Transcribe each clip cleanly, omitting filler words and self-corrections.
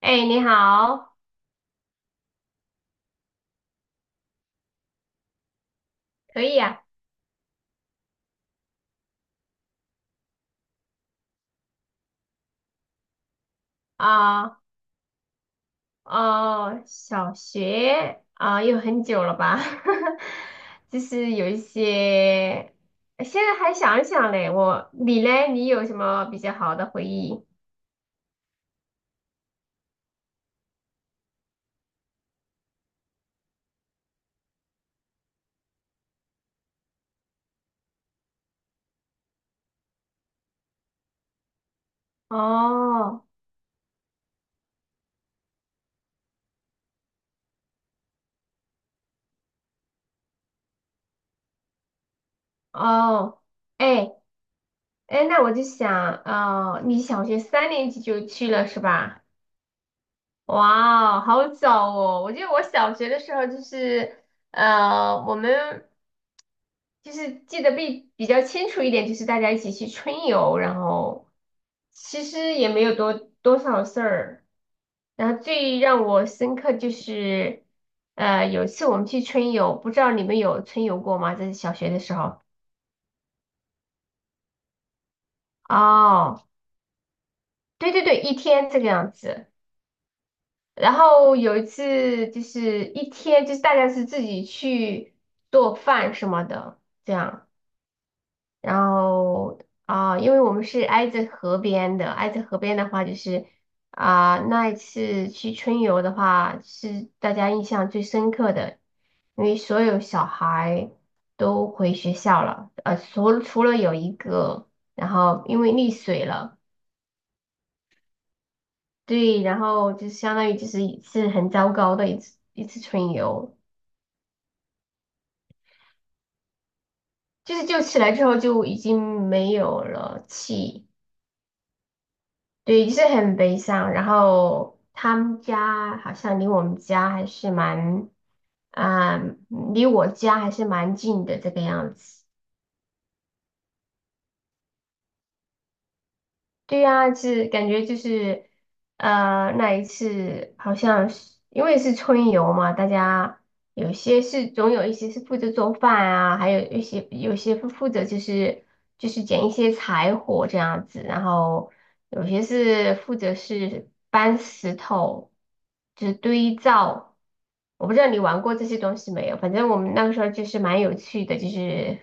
哎，你好，可以呀、啊，哦，小学啊，又很久了吧？就是有一些，现在还想一想嘞。我，你嘞，你有什么比较好的回忆？哦，哦，哎，哎，那我就想，哦，你小学三年级就去了是吧？哇哦好早哦！我记得我小学的时候就是，呃，我们。就是记得比较清楚一点，就是大家一起去春游，然后其实也没有多少事儿。然后最让我深刻就是，有一次我们去春游，不知道你们有春游过吗？这是小学的时候。哦，对对对，一天这个样子。然后有一次就是一天，就是大家是自己去做饭什么的，这样。然后因为我们是挨着河边的，挨着河边的话，就是那一次去春游的话，是大家印象最深刻的，因为所有小孩都回学校了，除了有一个，然后因为溺水了，对，然后就相当于就是一次很糟糕的一次春游，就是救起来之后就已经没有了气。对，就是很悲伤。然后他们家好像离我们家还是蛮，啊、嗯离我家还是蛮近的这个样子。对呀，是感觉就是，那一次好像是因为是春游嘛，大家有些是总有一些是负责做饭啊，还有些负责就是捡一些柴火这样子，然后有些是负责是搬石头，就是堆灶。我不知道你玩过这些东西没有，反正我们那个时候就是蛮有趣的，就是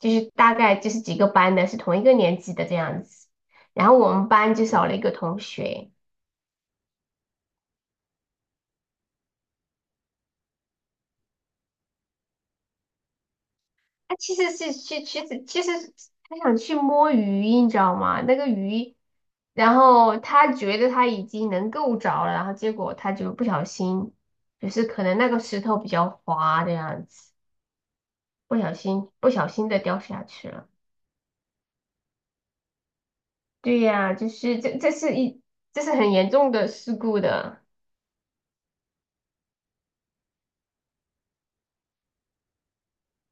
就是大概就是几个班的是同一个年级的这样子。然后我们班就少了一个同学，他其实他想去摸鱼，你知道吗？那个鱼，然后他觉得他已经能够着了，然后结果他就不小心，就是可能那个石头比较滑的样子，不小心的掉下去了。对呀，就是这是很严重的事故的。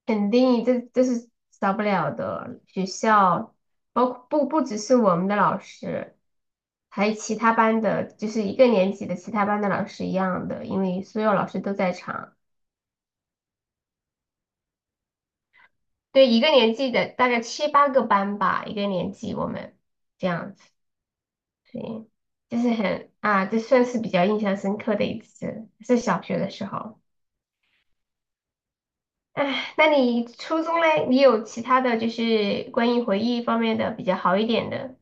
肯定这是少不了的。学校包括不只是我们的老师，还有其他班的，就是一个年级的其他班的老师一样的，因为所有老师都在场。对，一个年级的大概七八个班吧，一个年级我们这样子，对，就是很啊，这算是比较印象深刻的一次，是小学的时候。哎，那你初中嘞，你有其他的就是关于回忆方面的比较好一点的，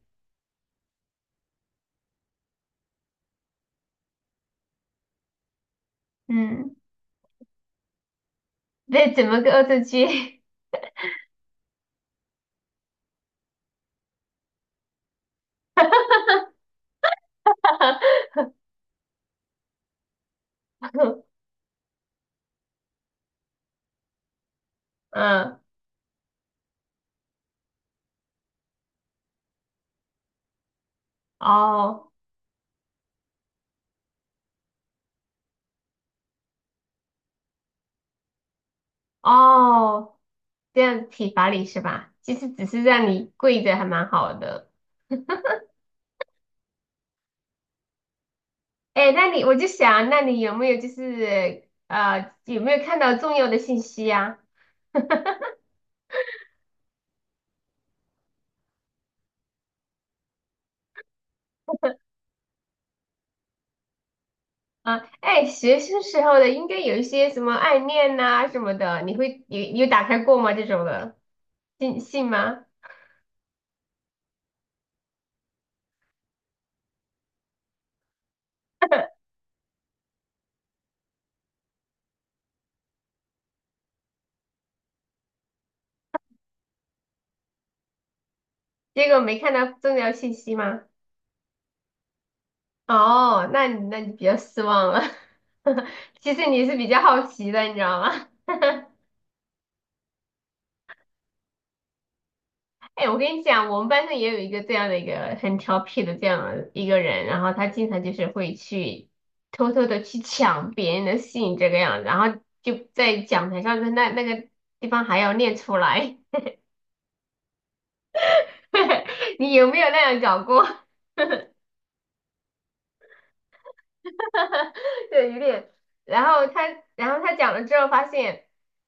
嗯。那怎么个恶作剧？嗯，哦哦，这样体罚你是吧？其实只是让你跪着，还蛮好的。哎，那你我就想，那你有没有就是有没有看到重要的信息呀、啊？啊，哎，学生时候的应该有一些什么暗恋呐、什么的，你会有打开过吗？这种的信吗？结果没看到重要信息吗？哦，那你比较失望了。其实你是比较好奇的，你知道吗？哎，我跟你讲，我们班上也有一个这样的一个很调皮的这样的一个人，然后他经常就是会去偷偷的去抢别人的信这个样子，然后就在讲台上的那个地方还要念出来。你有没有那样搞过？对，有点。然后他，然后他讲了之后发现，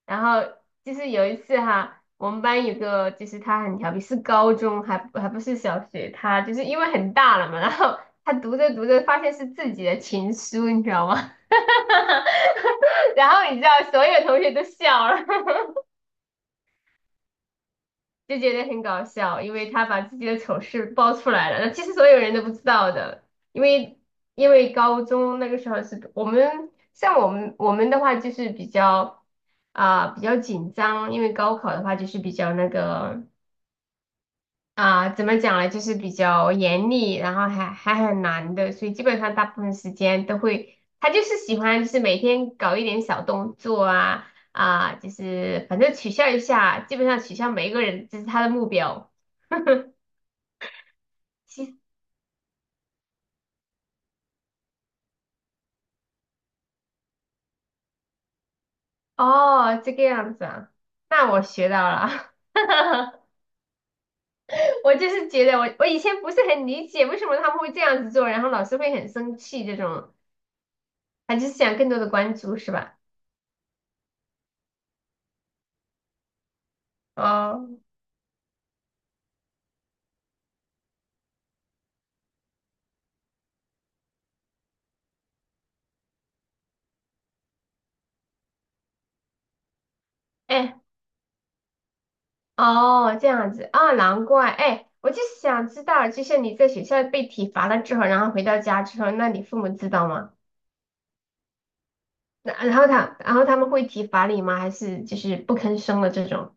然后就是有一次哈，我们班有个就是他很调皮，是高中还不是小学，他就是因为很大了嘛，然后他读着读着发现是自己的情书，你知道吗？然后你知道所有同学都笑了，就觉得很搞笑，因为他把自己的丑事爆出来了，那其实所有人都不知道的，因为因为高中那个时候是我们像我们的话就是比较比较紧张，因为高考的话就是比较那个。怎么讲呢？就是比较严厉，然后还很难的，所以基本上大部分时间都会，他就是喜欢就是每天搞一点小动作啊，就是反正取笑一下，基本上取笑每一个人，这是他的目标。其哦，这个样子啊，那我学到了。我就是觉得我以前不是很理解为什么他们会这样子做，然后老师会很生气这种，他就是想更多的关注是吧？哦，哎，哦，这样子啊，难怪。哎，我就想知道，就像你在学校被体罚了之后，然后回到家之后，那你父母知道吗？那然后他们会体罚你吗？还是就是不吭声的这种？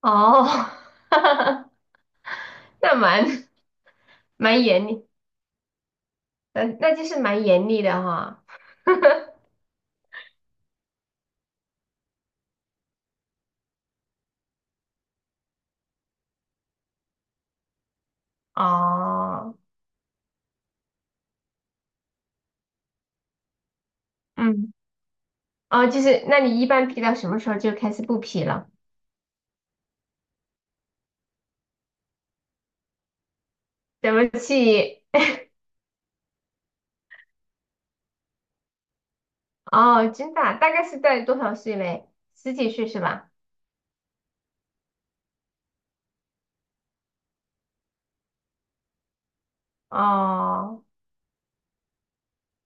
哦，那蛮严厉，那就是蛮严厉的哈。哦，嗯，哦，就是那你一般皮到什么时候就开始不皮了？怎么去？哦，真的啊大概是在多少岁嘞？十几岁是吧？哦。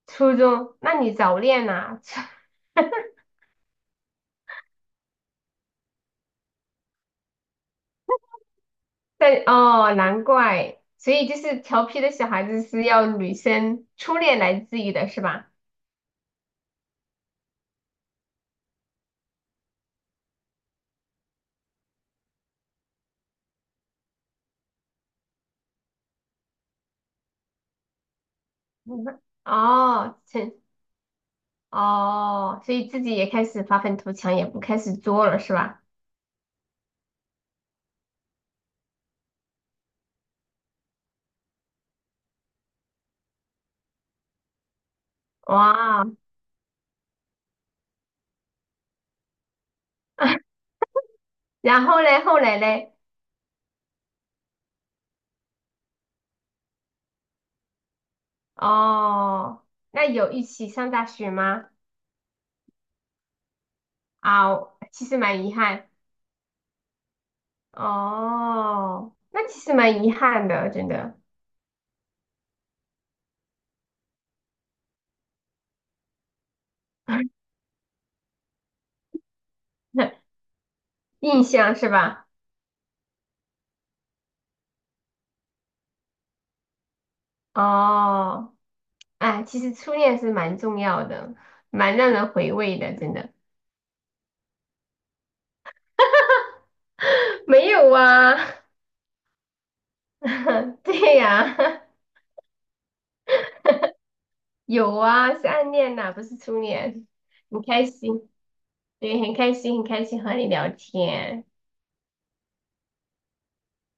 初中，那你早恋呐、但哦，难怪，所以就是调皮的小孩子是要女生初恋来治愈的，是吧？嗯哦，哦，所以自己也开始发愤图强，也不开始作了，是吧？哇，然后嘞，后来嘞？哦，那有一起上大学吗？啊，其实蛮遗憾。哦，那其实蛮遗憾的，真的。印象是吧？哦，哎，其实初恋是蛮重要的，蛮让人回味的，真的。没有啊，对呀、有啊，是暗恋呐、不是初恋。很开心，对，很开心，很开心和你聊天。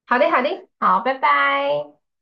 好的，好的，好，拜拜。